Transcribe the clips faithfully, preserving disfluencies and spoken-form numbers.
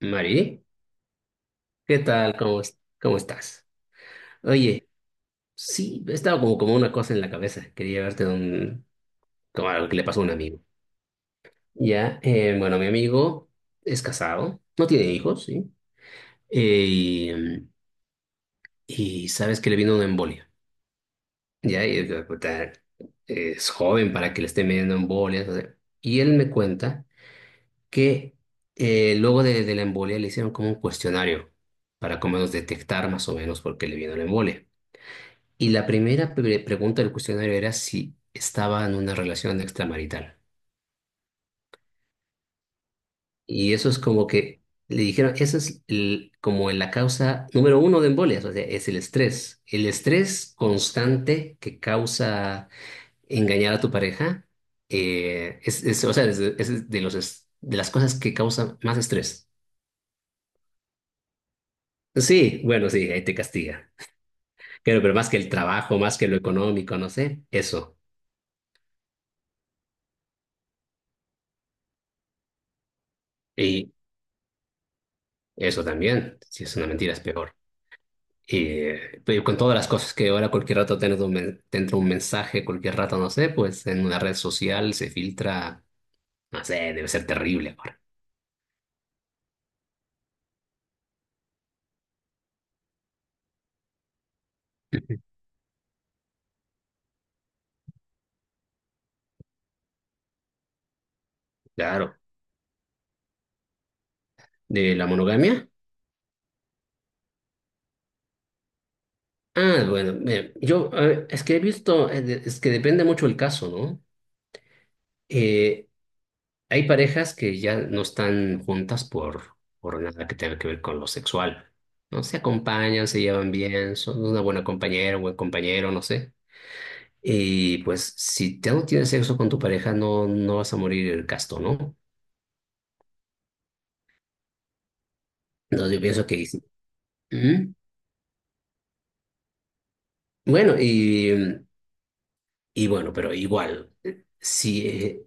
Mari, ¿qué tal? ¿Cómo, es- cómo estás? Oye, sí, estaba como, como una cosa en la cabeza. Quería verte de un, como algo que le pasó a un amigo. Ya, eh, bueno, mi amigo es casado, no tiene hijos, ¿sí? Eh, y, mm, y sabes que le vino una embolia. Ya, y, eh, puta, es joven para que le esté midiendo embolias. O sea, y él me cuenta que eh, luego de, de la embolia le hicieron como un cuestionario para como menos detectar más o menos por qué le vino la embolia. Y la primera pre- pregunta del cuestionario era si estaba en una relación extramarital. Y eso es como que le dijeron, eso es el- como la causa número uno de embolias, o sea, es el estrés. El estrés constante que causa engañar a tu pareja, eh, es, es, o sea, es, es de los, es- de las cosas que causan más estrés. Sí, bueno, sí, ahí te castiga. Pero, pero más que el trabajo, más que lo económico, no sé, eso. Y eso también, si es una mentira, es peor. Eh, pero con todas las cosas que ahora cualquier rato tienes un men- te entra un mensaje, cualquier rato, no sé, pues en una red social se filtra, no sé, debe ser terrible ahora. Claro. ¿De la monogamia? Ah, bueno, mira, yo eh, es que he visto, eh, de- es que depende mucho el caso, ¿no? Eh, Hay parejas que ya no están juntas por, por nada que tenga que ver con lo sexual. No se acompañan, se llevan bien, son una buena compañera, un buen compañero, no sé. Y pues si te no tienes sexo con tu pareja, no, no vas a morir casto, ¿no? Entonces yo pienso que sí. Ujú. Bueno, y, mm, y bueno, pero igual, eh, si eh,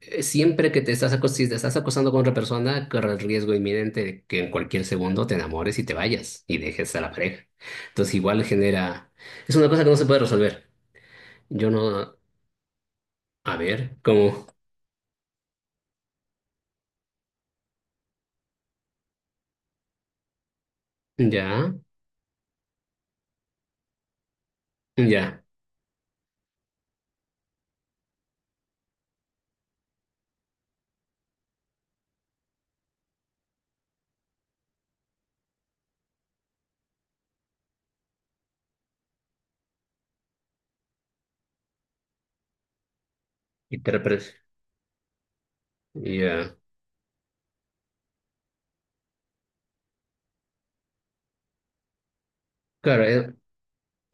eh, siempre que te estás, acos- si te estás acostando con otra persona, corre el riesgo inminente de que en cualquier segundo te enamores y te vayas y dejes a la pareja. Entonces igual genera. Es una cosa que no se puede resolver. Yo no. A ver, como. Ya, ya. Y te repres- ya. Claro, eh,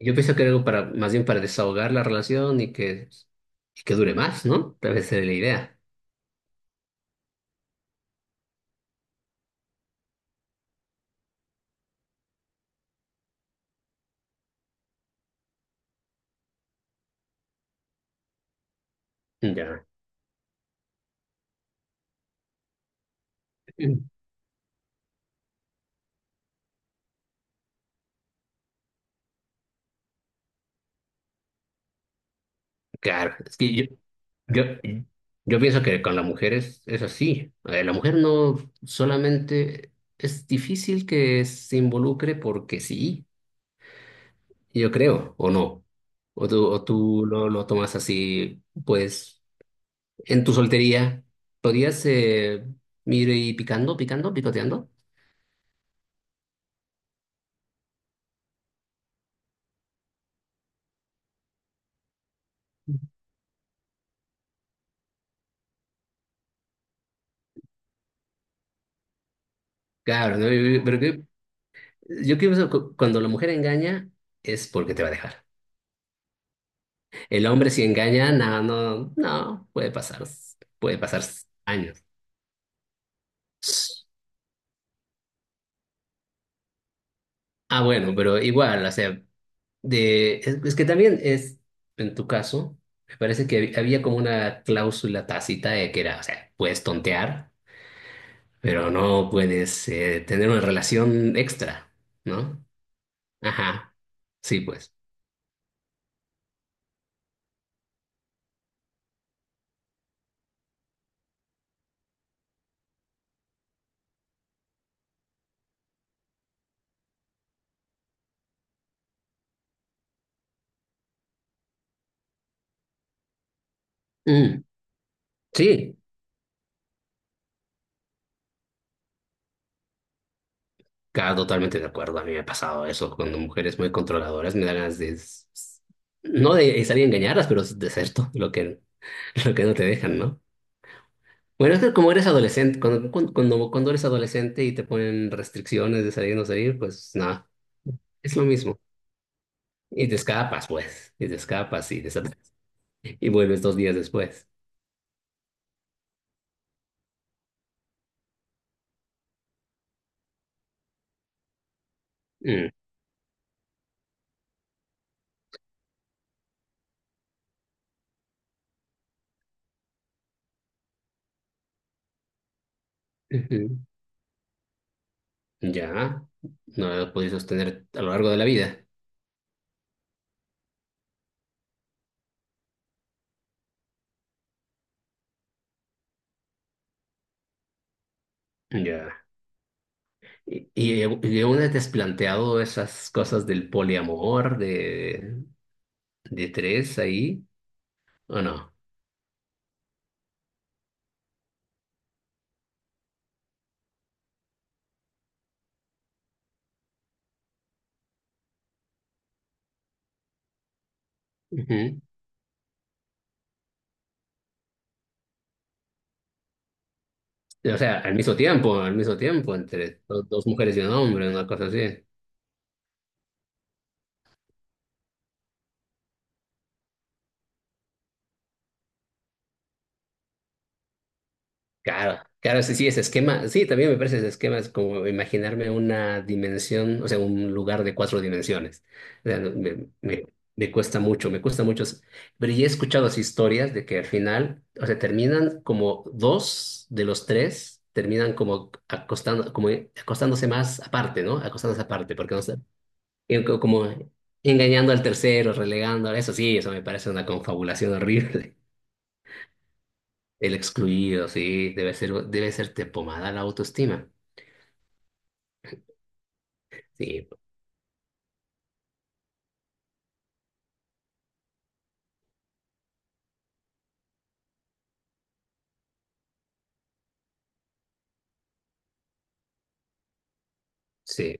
yo pienso que era algo para, más bien para desahogar la relación y que, y que dure más, ¿no? Tal vez sería la idea. Ya. Claro, es que yo, yo, yo pienso que con la mujer es, es así. Eh, La mujer no solamente es difícil que se involucre porque sí, yo creo, o no. O tú, o tú lo, lo tomas así, pues, en tu soltería, ¿podrías eh, ir ahí picando, picando, picoteando? Claro, ¿no? Pero, yo pienso que cuando la mujer engaña es porque te va a dejar. El hombre si engaña, no, no, no, puede pasar, puede pasar años. Ah, bueno, pero igual, o sea, de, es, es que también es, en tu caso, me parece que hab- había como una cláusula tácita de que era, o sea, puedes tontear, pero no puedes eh, tener una relación extra, ¿no? Ajá, sí, pues. Mm, sí, claro, totalmente de acuerdo. A mí me ha pasado eso. Cuando mujeres muy controladoras me dan ganas de, s- s- no de salir a engañarlas, pero de ser todo lo que, lo que no te dejan, ¿no? Bueno, es que como eres adolescente, cuando, cuando, cuando cuando eres adolescente y te ponen restricciones de salir o no salir, pues nada, es lo mismo. Y te escapas, pues, y te escapas y, desap- y vuelves dos días después. Mm. Ujú. Ya, no lo he podido sostener a lo largo de la vida. Ya. Y, y, y aún te has planteado esas cosas del poliamor, de, de tres ahí, ¿o no? Ujú. O sea, al mismo tiempo, al mismo tiempo, entre do- dos mujeres y un hombre, una cosa así. Claro, claro, sí, sí, ese esquema, sí, también me parece ese esquema, es como imaginarme una dimensión, o sea, un lugar de cuatro dimensiones. O sea, no- me, me- me cuesta mucho, me cuesta mucho. S- Pero ya he escuchado así historias de que al final, o sea, terminan como dos de los tres, terminan como acostando, como acostándose más aparte, ¿no? Acostándose aparte, porque no sé, y co- como engañando al tercero, relegando, eso sí, eso me parece una confabulación horrible. El excluido, sí, debe ser, debe serte pomada la autoestima. Sí, sí,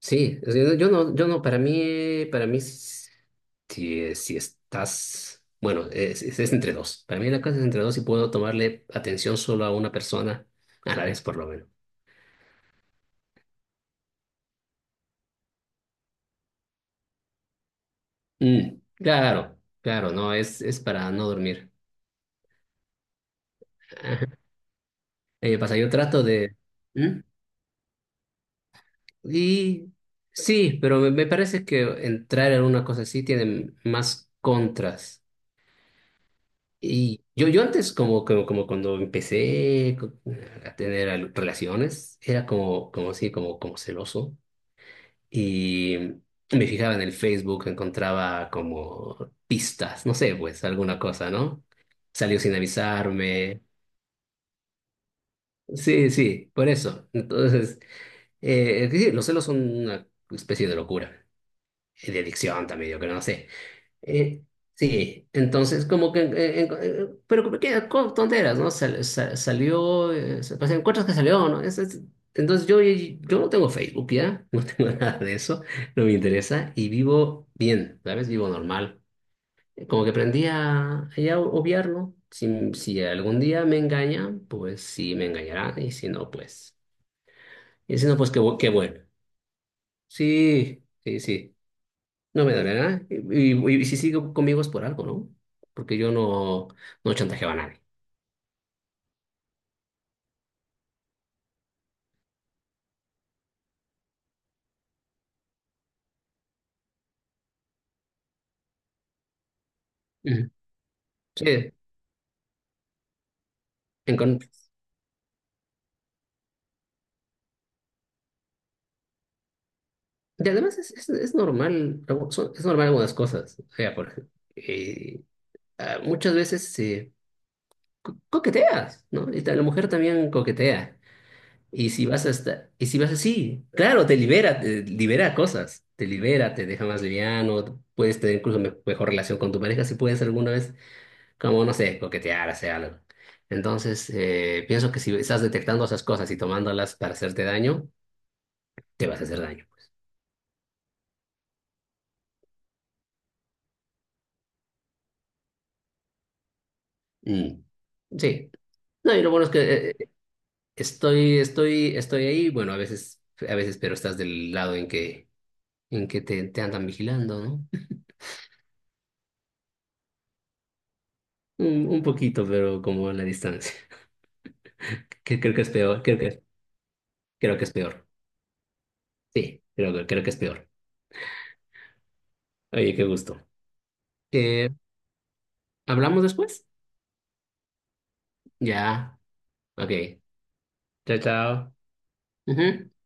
sí. O sea, Yo, yo no, yo no, para mí, para mí, si, si estás, bueno, es, es- es entre dos. Para mí la cosa es entre dos y puedo tomarle atención solo a una persona a la vez, por lo menos. Mm, claro, claro, no, es, es para no dormir. Ajá. Eh, pasa, yo trato de. ¿Mm? Y sí, pero me, me parece que entrar en una cosa así tiene más contras. Y yo, yo antes, como, como, como cuando empecé co- a tener al- relaciones, era como, como así, como, como celoso. Y me fijaba en el Facebook, encontraba como pistas, no sé, pues alguna cosa, ¿no? Salió sin avisarme. Sí, sí, por eso. Entonces, eh, sí, los celos son una especie de locura, y de adicción también, yo creo, no sé. Eh, sí, entonces como que, eh, en- eh, pero como que co- tonteras, ¿no? Sal- sa- salió, eh, se- pues, encuentras que salió, ¿no? Es- es- entonces yo, yo no tengo Facebook ya, no tengo nada de eso, no me interesa y vivo bien, ¿sabes? Vivo normal. Como que aprendí a, a ya obviarlo. Si, si algún día me engaña, pues sí me engañará y si no, pues, y si no, pues qué, bu- qué bueno. Sí, sí, sí. No me dolerá. Y, y- y si sigue conmigo es por algo, ¿no? Porque yo no, no chantajeaba a nadie. Ujú. Sí, en con- y además es, es, es normal, algo- son- es normal algunas cosas. O sea, por ejemplo, eh, ah, muchas veces se co- coqueteas, ¿no? Y ta- la mujer también coquetea. Y si vas a estar y si vas así, claro, te libera, te libera cosas, te libera, te deja más liviano, puedes tener incluso me- mejor relación con tu pareja si puedes alguna vez como, no sé, coquetear, hacer algo. Entonces, eh, pienso que si estás detectando esas cosas y tomándolas para hacerte daño, te vas a hacer daño, pues. Mm, sí. No, y lo bueno es que eh, eh, estoy, estoy, estoy ahí, bueno, a veces, a veces, pero estás del lado en que, en que te, te andan vigilando, ¿no? Un, un poquito, pero como a la distancia. Que creo que es peor, creo que, creo que es peor. Sí, creo, que- creo que es peor. Oye, qué gusto. Eh, ¿hablamos después? Ya, ok. Chao, chao. Ujú.